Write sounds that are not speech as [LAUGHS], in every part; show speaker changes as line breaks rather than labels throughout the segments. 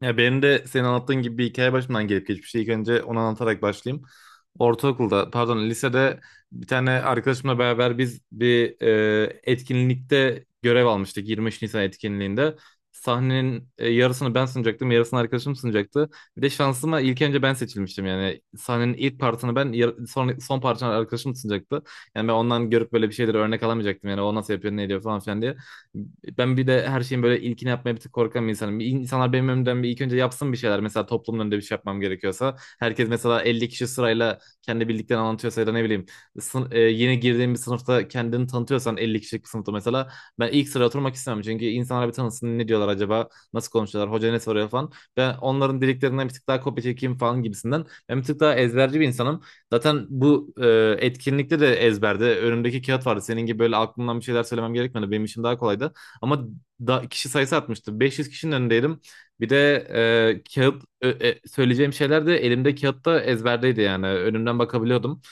Ya benim de senin anlattığın gibi bir hikaye başımdan gelip geçmiş. İlk önce onu anlatarak başlayayım. Ortaokulda, pardon, lisede bir tane arkadaşımla beraber biz bir etkinlikte görev almıştık. 23 Nisan etkinliğinde. Sahnenin yarısını ben sunacaktım, yarısını arkadaşım sunacaktı. Bir de şansıma ilk önce ben seçilmiştim yani. Sahnenin ilk partını ben, son, son partını arkadaşım sunacaktı. Yani ben ondan görüp böyle bir şeyleri örnek alamayacaktım. Yani o nasıl yapıyor, ne ediyor falan filan diye. Ben bir de her şeyin böyle ilkini yapmaya bir tık korkan bir insanım. İnsanlar benim önümden bir ilk önce yapsın bir şeyler. Mesela toplumun önünde bir şey yapmam gerekiyorsa. Herkes mesela 50 kişi sırayla kendi bildiklerini anlatıyorsa ya da ne bileyim, yeni girdiğin bir sınıfta kendini tanıtıyorsan 50 kişilik bir sınıfta mesela. Ben ilk sıraya oturmak istemem. Çünkü insanlar bir tanısın, ne diyorlar acaba? Nasıl konuşuyorlar? Hoca ne soruyor falan. Ben onların dediklerinden bir tık daha kopya çekeyim falan gibisinden. Ben bir tık daha ezberci bir insanım. Zaten bu etkinlikte de ezberde önümdeki kağıt vardı. Senin gibi böyle aklımdan bir şeyler söylemem gerekmedi. Benim için daha kolaydı. Ama kişi sayısı artmıştı. 500 kişinin önündeydim. Bir de söyleyeceğim şeyler de elimde kağıtta ezberdeydi yani. Önümden bakabiliyordum.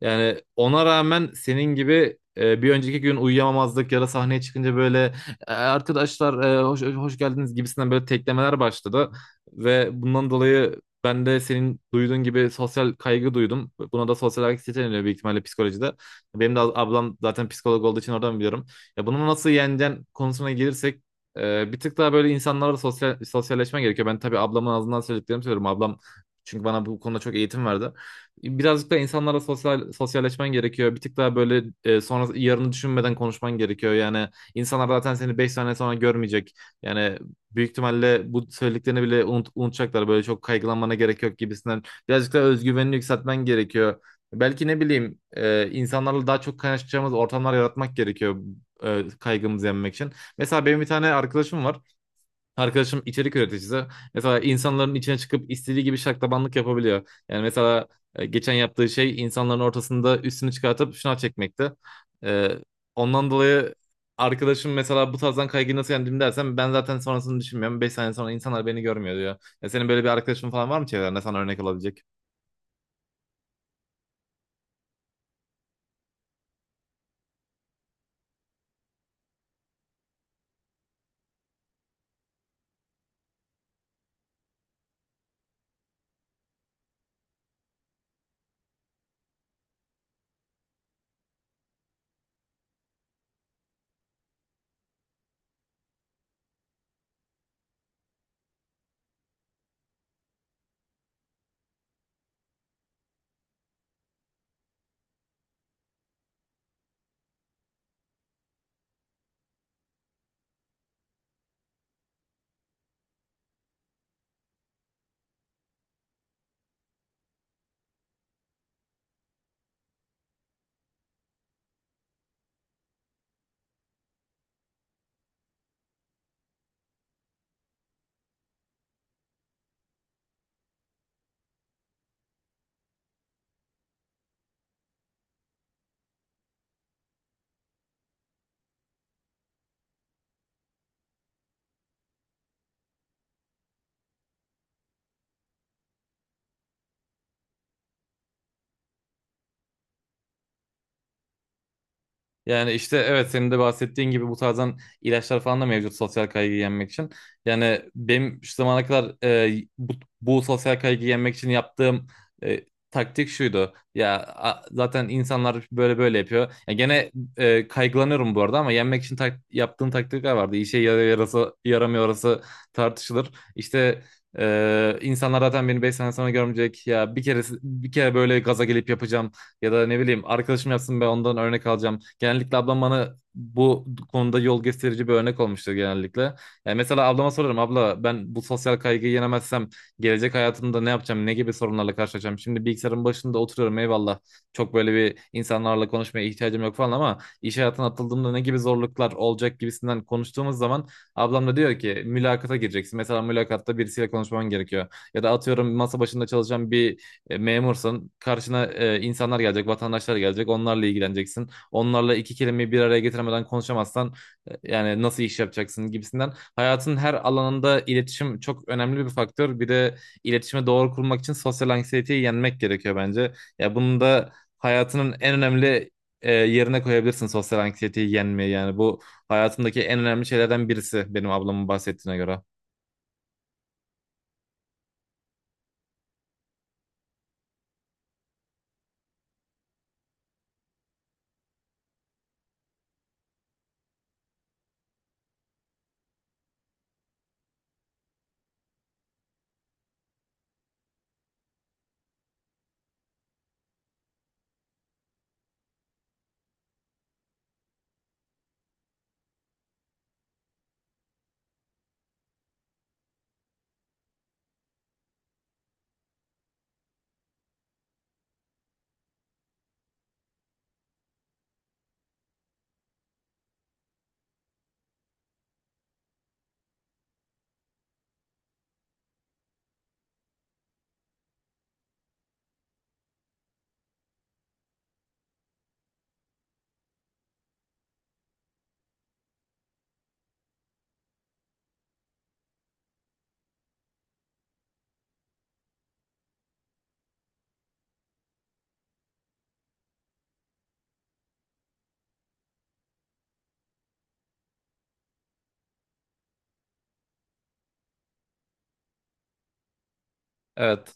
Yani ona rağmen senin gibi bir önceki gün uyuyamamazlık ya da sahneye çıkınca böyle arkadaşlar hoş geldiniz" gibisinden böyle teklemeler başladı. Ve bundan dolayı ben de senin duyduğun gibi sosyal kaygı duydum. Buna da sosyal anksiyete deniyor büyük ihtimalle psikolojide. Benim de ablam zaten psikolog olduğu için oradan biliyorum. Ya bunu nasıl yeneceğin konusuna gelirsek bir tık daha böyle insanlarla sosyalleşmen gerekiyor. Ben tabii ablamın ağzından söylediklerimi söylüyorum. Ablam çünkü bana bu konuda çok eğitim verdi. Birazcık da insanlarla sosyalleşmen gerekiyor. Bir tık daha böyle sonra yarını düşünmeden konuşman gerekiyor. Yani insanlar zaten seni 5 sene sonra görmeyecek. Yani büyük ihtimalle bu söylediklerini bile unutacaklar. Böyle çok kaygılanmana gerek yok gibisinden. Birazcık da özgüvenini yükseltmen gerekiyor. Belki ne bileyim insanlarla daha çok kaynaşacağımız ortamlar yaratmak gerekiyor kaygımızı yenmek için. Mesela benim bir tane arkadaşım var. Arkadaşım içerik üreticisi. Mesela insanların içine çıkıp istediği gibi şaklabanlık yapabiliyor. Yani mesela geçen yaptığı şey insanların ortasında üstünü çıkartıp şınav çekmekti. E, ondan dolayı arkadaşım mesela bu tarzdan kaygıyı nasıl yendim dersen ben zaten sonrasını düşünmüyorum. 5 sene sonra insanlar beni görmüyor diyor. Ya senin böyle bir arkadaşın falan var mı çevrende sana örnek olabilecek? Yani işte evet, senin de bahsettiğin gibi bu tarzdan ilaçlar falan da mevcut sosyal kaygıyı yenmek için. Yani benim şu zamana kadar bu sosyal kaygıyı yenmek için yaptığım e, taktik şuydu. Zaten insanlar böyle böyle yapıyor. Ya gene kaygılanıyorum bu arada ama yenmek için yaptığım taktikler vardı. İşe yarıyor yarası, yaramıyor orası tartışılır. İşte insanlar zaten beni 5 sene sonra görmeyecek. Ya bir kere böyle gaza gelip yapacağım ya da ne bileyim arkadaşım yapsın ben ondan örnek alacağım. Genellikle ablam bana bu konuda yol gösterici bir örnek olmuştur genellikle. Yani mesela ablama sorarım, abla ben bu sosyal kaygıyı yenemezsem gelecek hayatımda ne yapacağım, ne gibi sorunlarla karşılaşacağım. Şimdi bilgisayarın başında oturuyorum, eyvallah, çok böyle bir insanlarla konuşmaya ihtiyacım yok falan, ama iş hayatına atıldığımda ne gibi zorluklar olacak gibisinden konuştuğumuz zaman ablam da diyor ki mülakata gireceksin. Mesela mülakatta birisiyle konuşman gerekiyor. Ya da atıyorum masa başında çalışan bir memursun. Karşına insanlar gelecek, vatandaşlar gelecek. Onlarla ilgileneceksin. Onlarla iki kelimeyi bir araya getiremeden konuşamazsan yani nasıl iş yapacaksın gibisinden. Hayatın her alanında iletişim çok önemli bir faktör. Bir de iletişime doğru kurmak için sosyal anksiyeteyi yenmek gerekiyor bence. Ya bunu da hayatının en önemli yerine koyabilirsin, sosyal anksiyeteyi yenmeyi. Yani bu hayatımdaki en önemli şeylerden birisi benim ablamın bahsettiğine göre. Evet.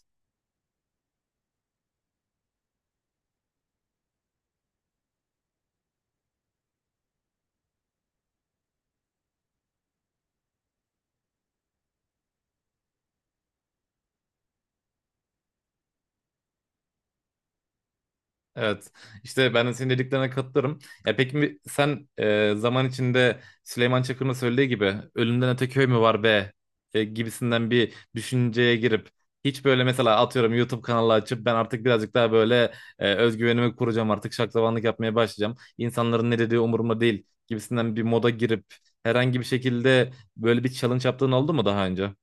Evet. İşte ben de senin dediklerine katılırım. Ya peki sen zaman içinde Süleyman Çakır'ın söylediği gibi ölümden öte köy mü var be gibisinden bir düşünceye girip hiç böyle mesela atıyorum YouTube kanalı açıp ben artık birazcık daha böyle özgüvenimi kuracağım, artık şaklabanlık yapmaya başlayacağım, İnsanların ne dediği umurumda değil gibisinden bir moda girip herhangi bir şekilde böyle bir challenge yaptığın oldu mu daha önce?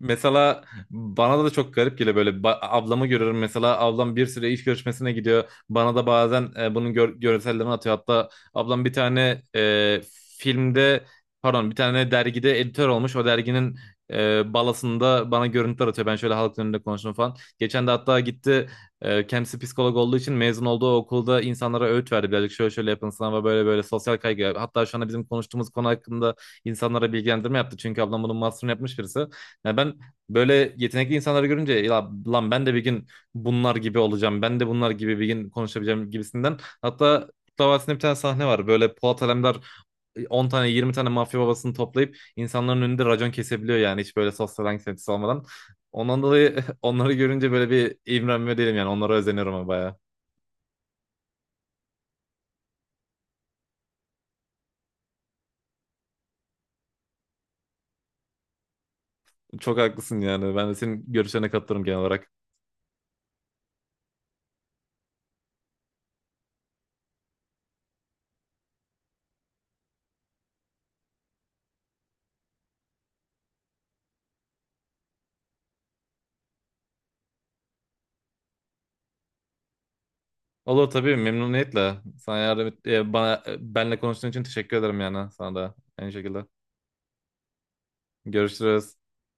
Mesela bana da çok garip geliyor, böyle ablamı görüyorum mesela, ablam bir süre iş görüşmesine gidiyor, bana da bazen bunun görsellerini atıyor. Hatta ablam bir tane filmde, pardon, bir tane dergide editör olmuş, o derginin balasında bana görüntüler atıyor, ben şöyle halkın önünde konuştum falan. Geçen de hatta gitti, kendisi psikolog olduğu için mezun olduğu okulda insanlara öğüt verdi birazcık, şöyle şöyle yapın sınava, böyle böyle sosyal kaygı, hatta şu anda bizim konuştuğumuz konu hakkında insanlara bilgilendirme yaptı, çünkü ablam bunun master'ını yapmış birisi. Ya ben böyle yetenekli insanları görünce ya lan ben de bir gün bunlar gibi olacağım. Ben de bunlar gibi bir gün konuşabileceğim gibisinden. Hatta Kurtlar Vadisi'nde bir tane sahne var. Böyle Polat Alemdar 10 tane 20 tane mafya babasını toplayıp insanların önünde racon kesebiliyor, yani hiç böyle sosyal anksiyetesi olmadan. Ondan dolayı [LAUGHS] onları görünce böyle bir imrenme değilim yani, onlara özeniyorum ama bayağı. Çok haklısın, yani ben de senin görüşlerine katılırım genel olarak. Olur tabii, memnuniyetle. Sana benle konuştuğun için teşekkür ederim, yani sana da aynı şekilde. Görüşürüz.